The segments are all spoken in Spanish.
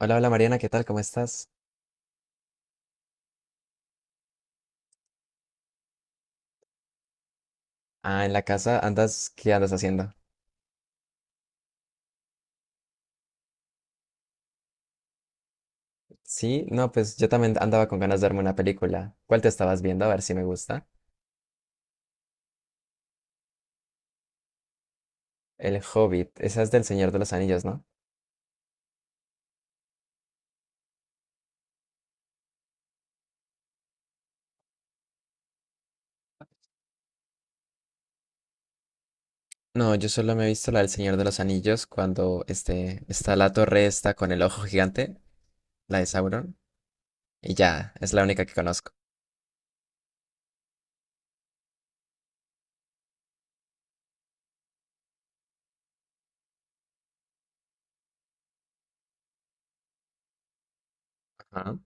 Hola, hola Mariana, ¿qué tal? ¿Cómo estás? Ah, en la casa andas, ¿qué andas haciendo? Sí, no, pues yo también andaba con ganas de verme una película. ¿Cuál te estabas viendo? A ver si me gusta. El Hobbit, esa es del Señor de los Anillos, ¿no? No, yo solo me he visto la del Señor de los Anillos cuando este, está la torre esta con el ojo gigante, la de Sauron, y ya, es la única que conozco. Ajá.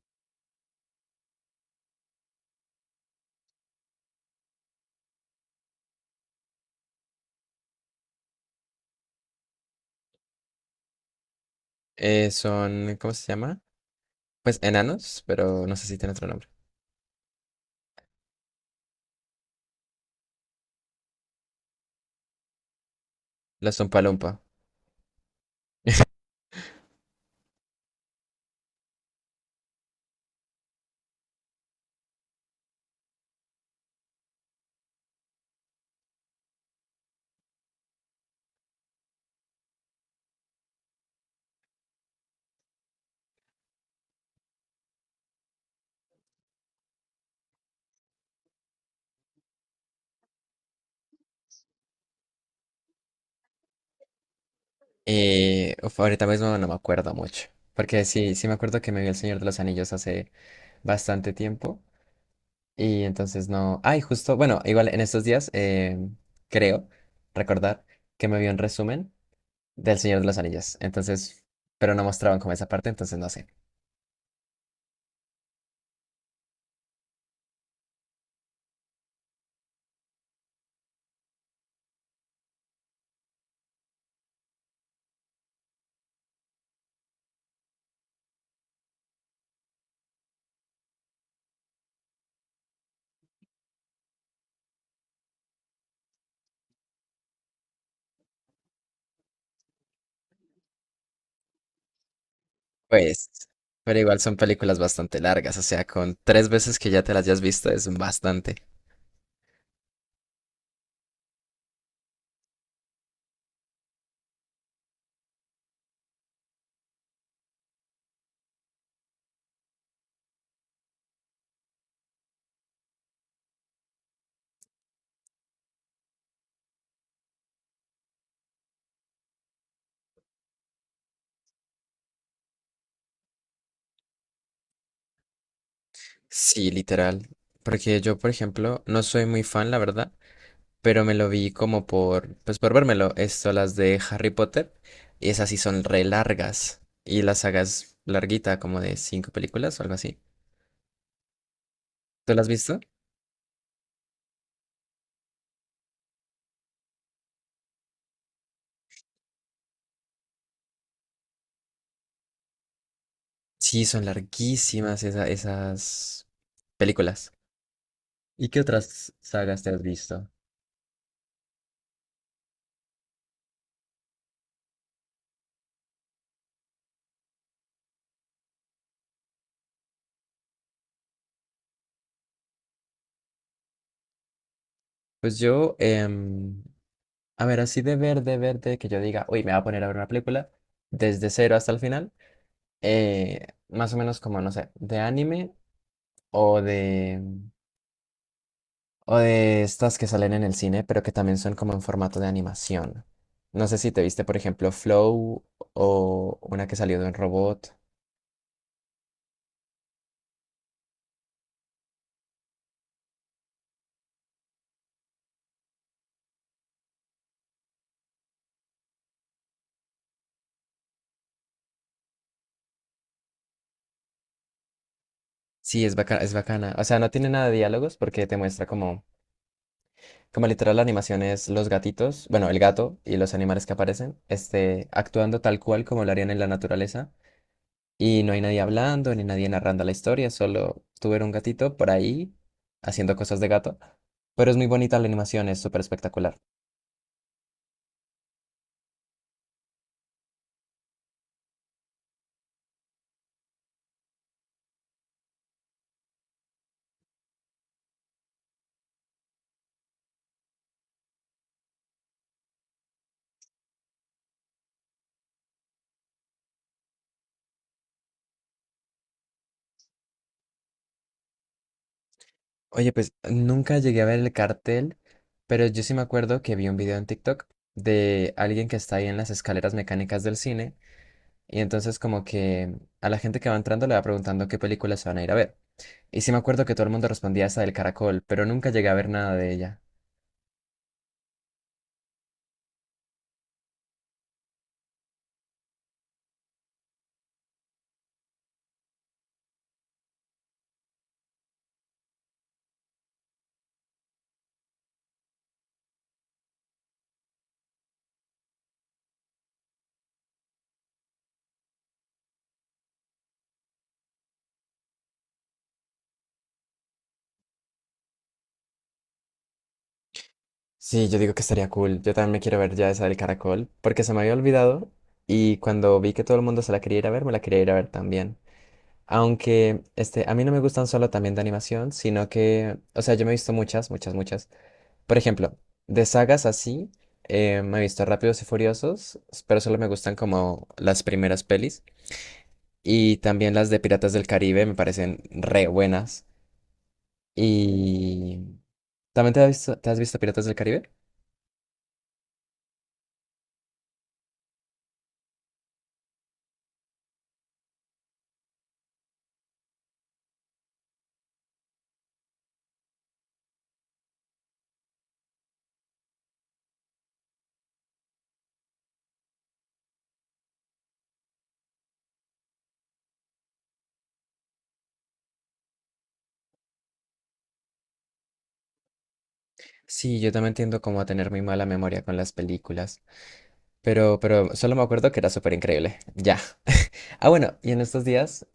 Son, ¿cómo se llama? Pues enanos, pero no sé si tiene otro nombre. Los Umpalumpa. Ahorita mismo no me acuerdo mucho, porque sí, sí me acuerdo que me vi El Señor de los Anillos hace bastante tiempo y entonces no... Ay, justo, bueno, igual en estos días creo recordar que me vi un resumen del Señor de los Anillos, entonces, pero no mostraban como esa parte, entonces no sé. Pues, pero igual son películas bastante largas, o sea, con tres veces que ya te las hayas visto es bastante. Sí, literal, porque yo, por ejemplo, no soy muy fan, la verdad, pero me lo vi como por, pues por vérmelo. Esto, las de Harry Potter, y esas sí son re largas. Y la saga es larguita, como de 5 películas o algo así. ¿Tú las has visto? Sí, son larguísimas esas películas. ¿Y qué otras sagas te has visto? Pues yo, a ver, así de ver, de ver, de que yo diga, uy, me voy a poner a ver una película desde cero hasta el final, más o menos como, no sé, de anime o de, o de estas que salen en el cine, pero que también son como en formato de animación. No sé si te viste, por ejemplo, Flow o una que salió de un robot. Sí, es bacana, es bacana. O sea, no tiene nada de diálogos porque te muestra como, como literal la animación es los gatitos, bueno, el gato y los animales que aparecen, este, actuando tal cual como lo harían en la naturaleza. Y no hay nadie hablando ni nadie narrando la historia, solo tú ver un gatito por ahí haciendo cosas de gato. Pero es muy bonita la animación, es súper espectacular. Oye, pues nunca llegué a ver el cartel, pero yo sí me acuerdo que vi un video en TikTok de alguien que está ahí en las escaleras mecánicas del cine y entonces como que a la gente que va entrando le va preguntando qué películas se van a ir a ver. Y sí me acuerdo que todo el mundo respondía esa del caracol, pero nunca llegué a ver nada de ella. Sí, yo digo que estaría cool. Yo también me quiero ver ya esa del caracol, porque se me había olvidado y cuando vi que todo el mundo se la quería ir a ver, me la quería ir a ver también. Aunque este, a mí no me gustan solo también de animación, sino que, o sea, yo me he visto muchas, muchas, muchas. Por ejemplo, de sagas así, me he visto Rápidos y Furiosos, pero solo me gustan como las primeras pelis. Y también las de Piratas del Caribe me parecen re buenas. Y... ¿También te has visto Piratas del Caribe? Sí, yo también tiendo como a tener muy mala memoria con las películas, pero solo me acuerdo que era súper increíble. Ya. Ah, bueno, y en estos días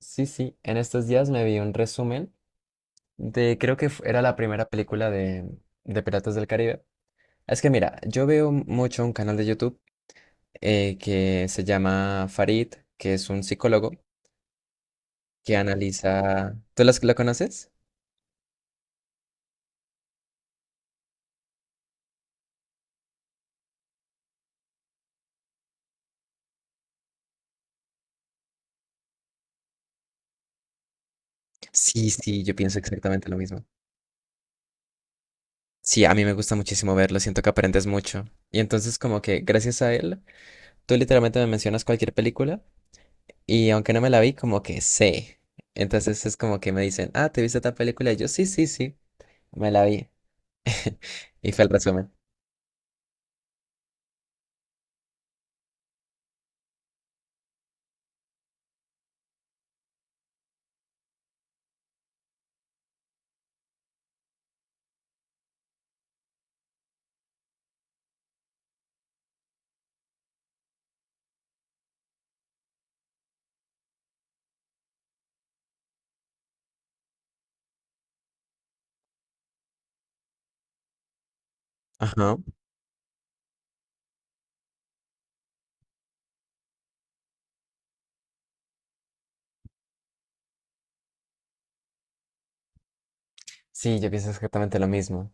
sí, sí, en estos días me vi un resumen de, creo que era la primera película de Piratas del Caribe. Es que mira, yo veo mucho un canal de YouTube que se llama Farid, que es un psicólogo que analiza... ¿Tú lo conoces? Sí, sí, yo pienso exactamente lo mismo. Sí, a mí me gusta muchísimo verlo, siento que aprendes mucho. Y entonces como que gracias a él, tú literalmente me mencionas cualquier película y aunque no me la vi, como que sé. Entonces es como que me dicen, ah, ¿te viste tal película? Y yo, sí, sí, sí, me la vi. Y fue el resumen. Ajá. Sí, yo pienso exactamente lo mismo.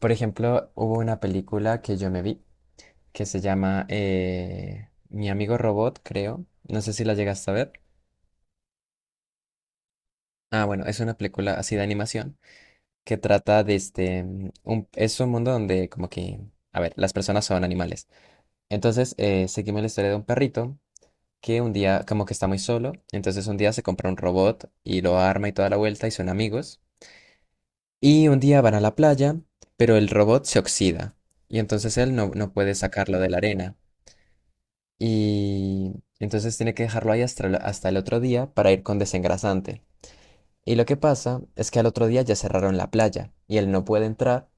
Por ejemplo, hubo una película que yo me vi que se llama Mi amigo Robot, creo. No sé si la llegaste a ver. Ah, bueno, es una película así de animación que trata de este... es un mundo donde como que... A ver, las personas son animales. Entonces, seguimos la historia de un perrito que un día como que está muy solo. Entonces un día se compra un robot y lo arma y toda la vuelta y son amigos. Y un día van a la playa, pero el robot se oxida y entonces él no, no puede sacarlo de la arena. Y entonces tiene que dejarlo ahí hasta, hasta el otro día para ir con desengrasante. Y lo que pasa es que al otro día ya cerraron la playa y él no puede entrar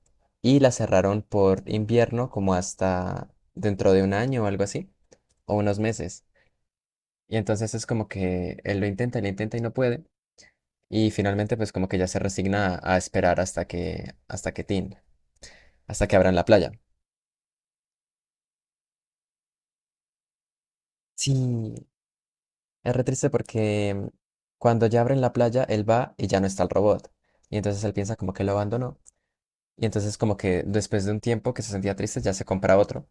y la cerraron por invierno como hasta dentro de un año o algo así, o unos meses. Y entonces es como que él lo intenta y no puede. Y finalmente pues como que ya se resigna a esperar hasta que tin, hasta que abran la playa. Sí, es re triste porque cuando ya abren la playa, él va y ya no está el robot. Y entonces él piensa como que lo abandonó. Y entonces como que después de un tiempo que se sentía triste, ya se compra otro.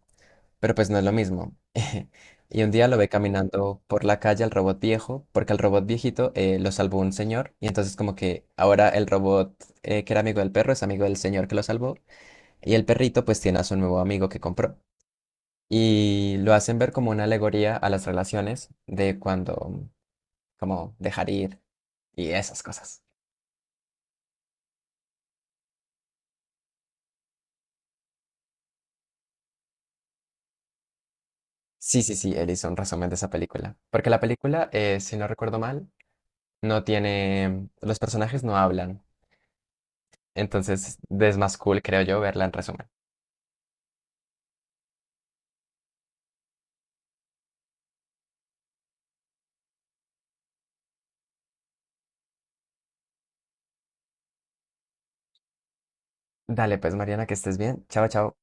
Pero pues no es lo mismo. Y un día lo ve caminando por la calle al robot viejo, porque al robot viejito lo salvó un señor. Y entonces como que ahora el robot que era amigo del perro es amigo del señor que lo salvó. Y el perrito pues tiene a su nuevo amigo que compró y lo hacen ver como una alegoría a las relaciones de cuando, como dejar ir y esas cosas. Sí, sí, sí, él hizo un resumen de esa película. Porque la película, si no recuerdo mal, no tiene, los personajes no hablan. Entonces es más cool, creo yo, verla en resumen. Dale, pues Mariana, que estés bien. Chao, chao.